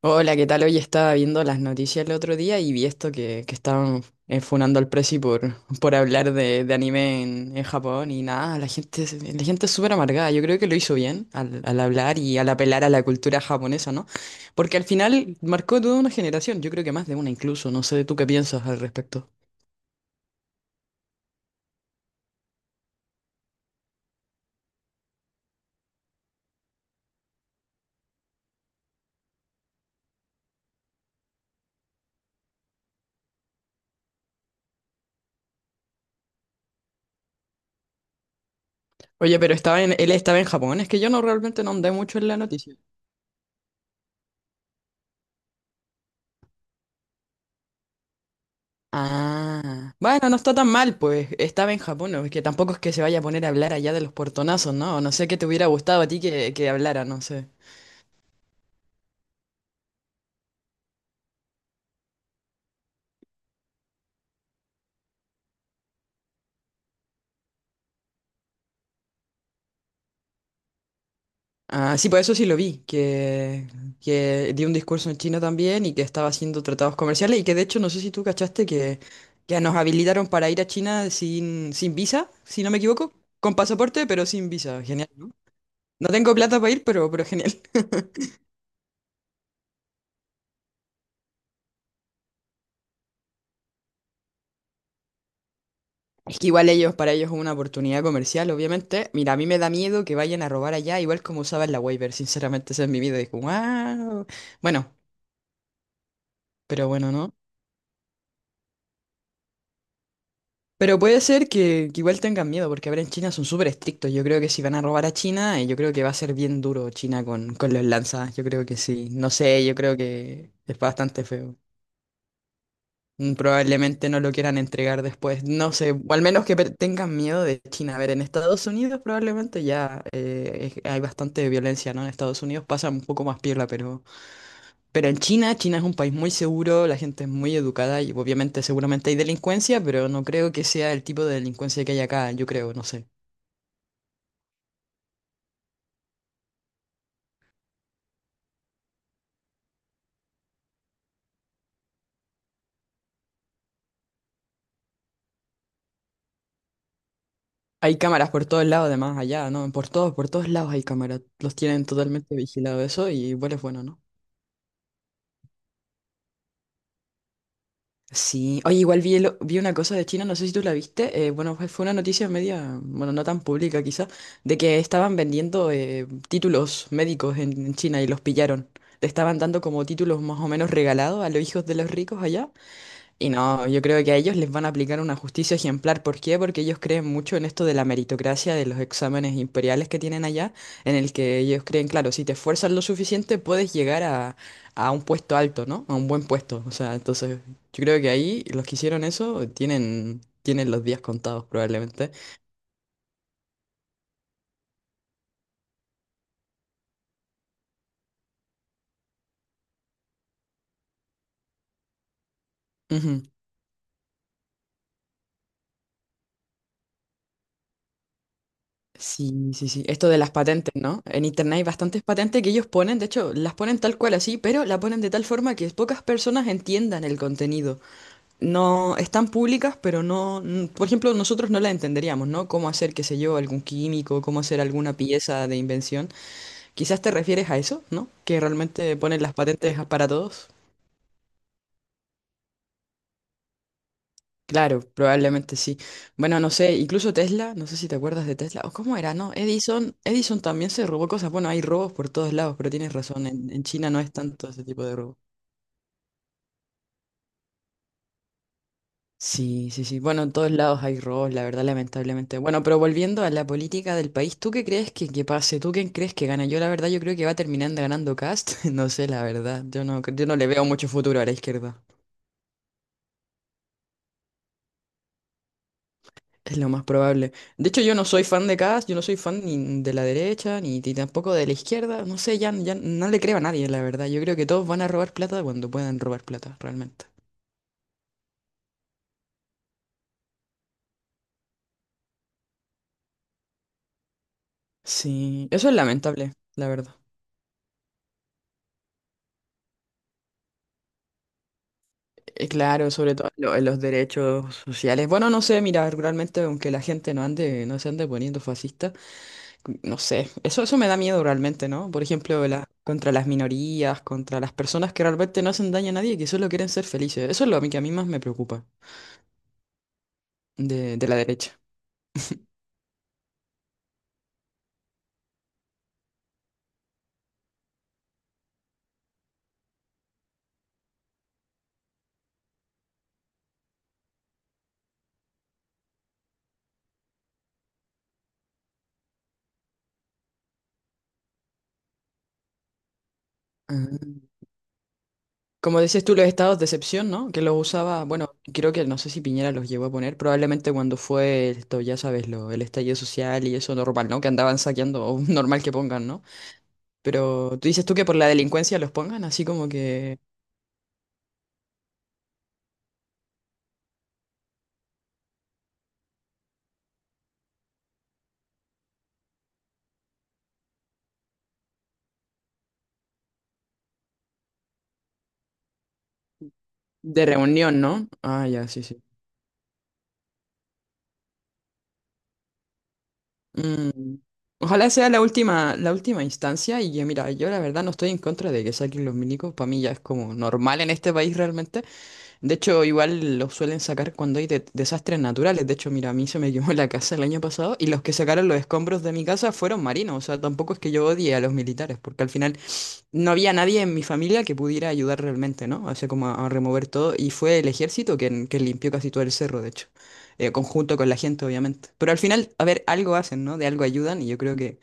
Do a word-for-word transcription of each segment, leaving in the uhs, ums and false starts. Hola, ¿qué tal? Hoy estaba viendo las noticias el otro día y vi esto que, que estaban eh, funando al Prezi por, por hablar de, de anime en, en Japón y nada, la gente, es- la gente es súper amargada. Yo creo que lo hizo bien al, al hablar y al apelar a la cultura japonesa, ¿no? Porque al final marcó toda una generación, yo creo que más de una incluso, no sé tú qué piensas al respecto. Oye, pero estaba en, él estaba en Japón, es que yo no realmente no andé mucho en la noticia. Ah, bueno, no está tan mal, pues estaba en Japón, ¿no? Es que tampoco es que se vaya a poner a hablar allá de los portonazos, ¿no? No sé qué te hubiera gustado a ti que, que hablara, no sé. Ah, sí, pues eso sí lo vi, que, que dio un discurso en China también y que estaba haciendo tratados comerciales y que de hecho no sé si tú cachaste que, que nos habilitaron para ir a China sin, sin visa, si no me equivoco, con pasaporte, pero sin visa, genial. No tengo plata para ir, pero, pero genial. Es que igual ellos, para ellos es una oportunidad comercial, obviamente. Mira, a mí me da miedo que vayan a robar allá, igual como usaban la waiver, sinceramente, ese es mi miedo. Digo, wow. Bueno, pero bueno, ¿no? Pero puede ser que, que igual tengan miedo, porque ahora en China son súper estrictos. Yo creo que si van a robar a China, eh, yo creo que va a ser bien duro China con, con los lanzas. Yo creo que sí. No sé, yo creo que es bastante feo. Mm, probablemente no lo quieran entregar después. No sé, o al menos que pe- tengan miedo de China. A ver, en Estados Unidos probablemente ya eh, es- hay bastante violencia, ¿no? En Estados Unidos pasa un poco más piola, pero, pero en China, China es un país muy seguro, la gente es muy educada y obviamente seguramente hay delincuencia, pero no creo que sea el tipo de delincuencia que hay acá, yo creo, no sé. Hay cámaras por todos lados, además, allá, ¿no? Por todos, por todos lados hay cámaras. Los tienen totalmente vigilado eso y igual es bueno, ¿no? Sí, oye, igual vi, el- vi una cosa de China, no sé si tú la viste, eh, bueno, fue, fue una noticia media, bueno, no tan pública quizá, de que estaban vendiendo eh, títulos médicos en, en China y los pillaron. Le estaban dando como títulos más o menos regalados a los hijos de los ricos allá y no, yo creo que a ellos les van a aplicar una justicia ejemplar. ¿Por qué? Porque ellos creen mucho en esto de la meritocracia, de los exámenes imperiales que tienen allá, en el que ellos creen, claro, si te esfuerzas lo suficiente puedes llegar a, a un puesto alto, ¿no? A un buen puesto. O sea, entonces yo creo que ahí los que hicieron eso tienen, tienen los días contados probablemente. Ujú. Sí, sí, sí. Esto de las patentes, ¿no? En internet hay bastantes patentes que ellos ponen, de hecho, las ponen tal cual así, pero la ponen de tal forma que pocas personas entiendan el contenido. No, están públicas, pero no, n- por ejemplo, nosotros no la entenderíamos, ¿no? Cómo hacer, qué sé yo, algún químico, cómo hacer alguna pieza de invención. Quizás te refieres a eso, ¿no? Que realmente ponen las patentes para todos. Claro, probablemente sí. Bueno, no sé, incluso Tesla, no sé si te acuerdas de Tesla, o cómo era, ¿no? Edison, Edison también se robó cosas. Bueno, hay robos por todos lados, pero tienes razón, en, en China no es tanto ese tipo de robo. Sí, sí, sí. Bueno, en todos lados hay robos, la verdad, lamentablemente. Bueno, pero volviendo a la política del país, ¿tú qué crees que, que pase? ¿Tú quién crees que gana? Yo la verdad, yo creo que va terminando ganando Cast. No sé, la verdad. Yo no, cre- yo no le veo mucho futuro a la izquierda. Es lo más probable. De hecho, yo no soy fan de Cast, yo no soy fan ni de la derecha, ni, ni tampoco de la izquierda. No sé, ya, ya no le creo a nadie, la verdad. Yo creo que todos van a robar plata cuando puedan robar plata, realmente. Sí, eso es lamentable, la verdad. Eh, Claro, sobre todo lo- en los derechos sociales. Bueno, no sé, mira, realmente aunque la gente no ande, no se ande poniendo fascista, c- no sé, eso, eso me da miedo realmente, ¿no? Por ejemplo, la, contra las minorías, contra las personas que realmente no hacen daño a nadie y que solo quieren ser felices. Eso es lo a mí que a mí más me preocupa de, de la derecha. Ah. Como decías tú, los estados de excepción, ¿no? Que los usaba, bueno, creo que no sé si Piñera los llegó a poner, probablemente cuando fue esto, ya sabes, lo, el estallido social y eso normal, ¿no? Que andaban saqueando, o normal que pongan, ¿no? Pero tú dices tú que por la delincuencia los pongan así como que de reunión, ¿no? Ah, ya, sí, sí. Mm, ojalá sea la última, la última instancia y yo, mira, yo la verdad no estoy en contra de que saquen los milicos, para mí ya es como normal en este país realmente. De hecho, igual los suelen sacar cuando hay de- desastres naturales. De hecho, mira, a mí se me quemó la casa el año pasado y los que sacaron los escombros de mi casa fueron marinos. O sea, tampoco es que yo odie a los militares, porque al final no había nadie en mi familia que pudiera ayudar realmente, ¿no? O sea, como a, a remover todo. Y fue el ejército quien, quien limpió casi todo el cerro, de hecho. Eh, conjunto con la gente, obviamente. Pero al final, a ver, algo hacen, ¿no? De algo ayudan y yo creo que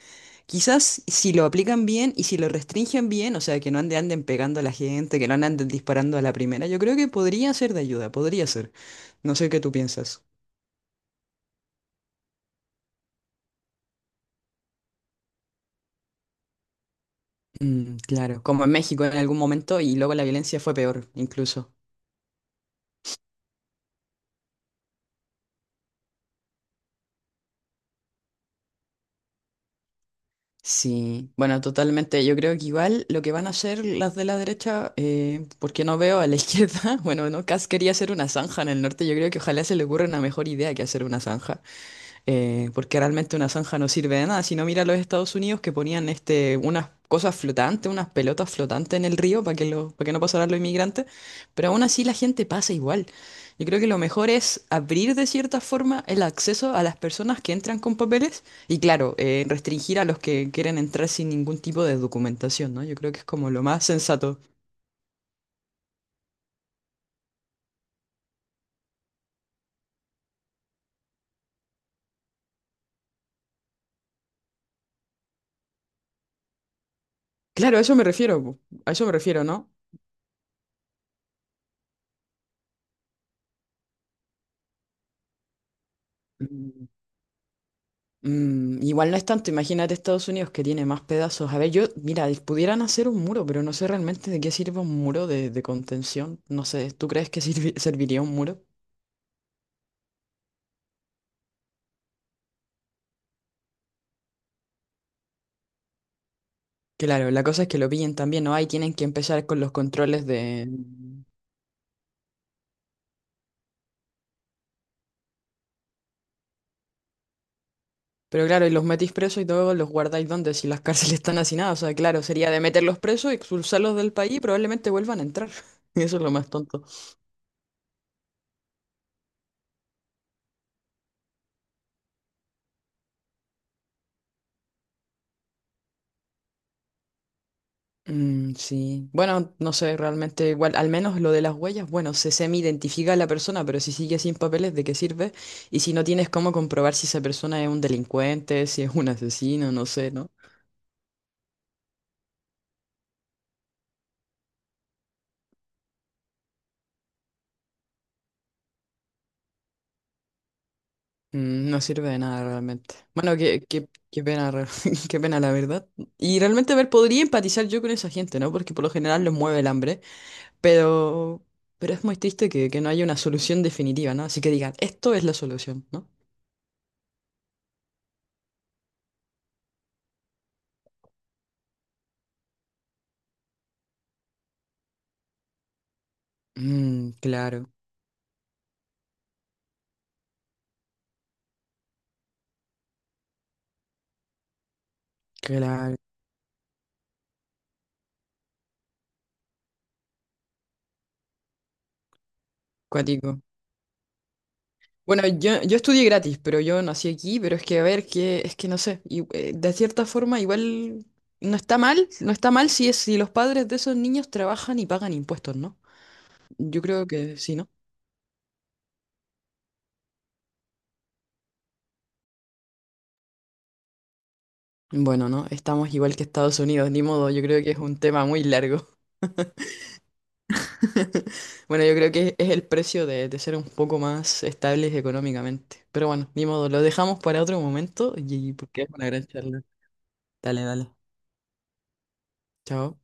quizás si lo aplican bien y si lo restringen bien, o sea, que no ande- anden pegando a la gente, que no anden disparando a la primera, yo creo que podría ser de ayuda, podría ser. No sé qué tú piensas. Mm, claro, como en México en algún momento y luego la violencia fue peor, incluso. Sí, bueno, totalmente. Yo creo que igual lo que van a hacer las de la derecha, eh, porque no veo a la izquierda, bueno, no, Kass quería hacer una zanja en el norte, yo creo que ojalá se le ocurra una mejor idea que hacer una zanja eh, porque realmente una zanja no sirve de nada. Si no, mira los Estados Unidos que ponían este, unas cosas flotantes, unas pelotas flotantes en el río para que, lo, para que no pasaran los inmigrantes, pero aún así la gente pasa igual. Yo creo que lo mejor es abrir de cierta forma el acceso a las personas que entran con papeles y claro, eh, restringir a los que quieren entrar sin ningún tipo de documentación, ¿no? Yo creo que es como lo más sensato. Claro, a eso me refiero, po, a eso me refiero, ¿no? Mm, igual no es tanto, imagínate Estados Unidos que tiene más pedazos. A ver, yo, mira, pudieran hacer un muro, pero no sé realmente de qué sirve un muro de, de contención. No sé, ¿tú crees que sirvi- serviría un muro? Claro, la cosa es que lo pillen también, ¿no? Ahí tienen que empezar con los controles de... Pero claro, y los metís presos y luego los guardáis donde si las cárceles están hacinadas. O sea, claro, sería de meterlos presos, expulsarlos del país y probablemente vuelvan a entrar. Eso es lo más tonto. Mm, sí. Bueno, no sé, realmente igual, al menos lo de las huellas, bueno, se semi-identifica a la persona, pero si sigue sin papeles, ¿de qué sirve? Y si no tienes cómo comprobar si esa persona es un delincuente, si es un asesino, no sé, ¿no? Mm, no sirve de nada realmente. Bueno, qué, qué, qué pena, re- qué pena la verdad. Y realmente, a ver, podría empatizar yo con esa gente, ¿no? Porque por lo general les mueve el hambre, pero, pero es muy triste que, que no haya una solución definitiva, ¿no? Así que digan, esto es la solución, ¿no? Mm, claro, claro. Cuático. Bueno, yo, yo estudié gratis, pero yo nací aquí, pero es que, a ver, que, es que no sé, y, eh, de cierta forma igual no está mal, no está mal si es, si los padres de esos niños trabajan y pagan impuestos, ¿no? Yo creo que sí, ¿no? Bueno, no, estamos igual que Estados Unidos, ni modo, yo creo que es un tema muy largo. Bueno, yo creo que es el precio de, de ser un poco más estables económicamente. Pero bueno, ni modo, lo dejamos para otro momento y porque es una gran charla. Dale, dale. Chao.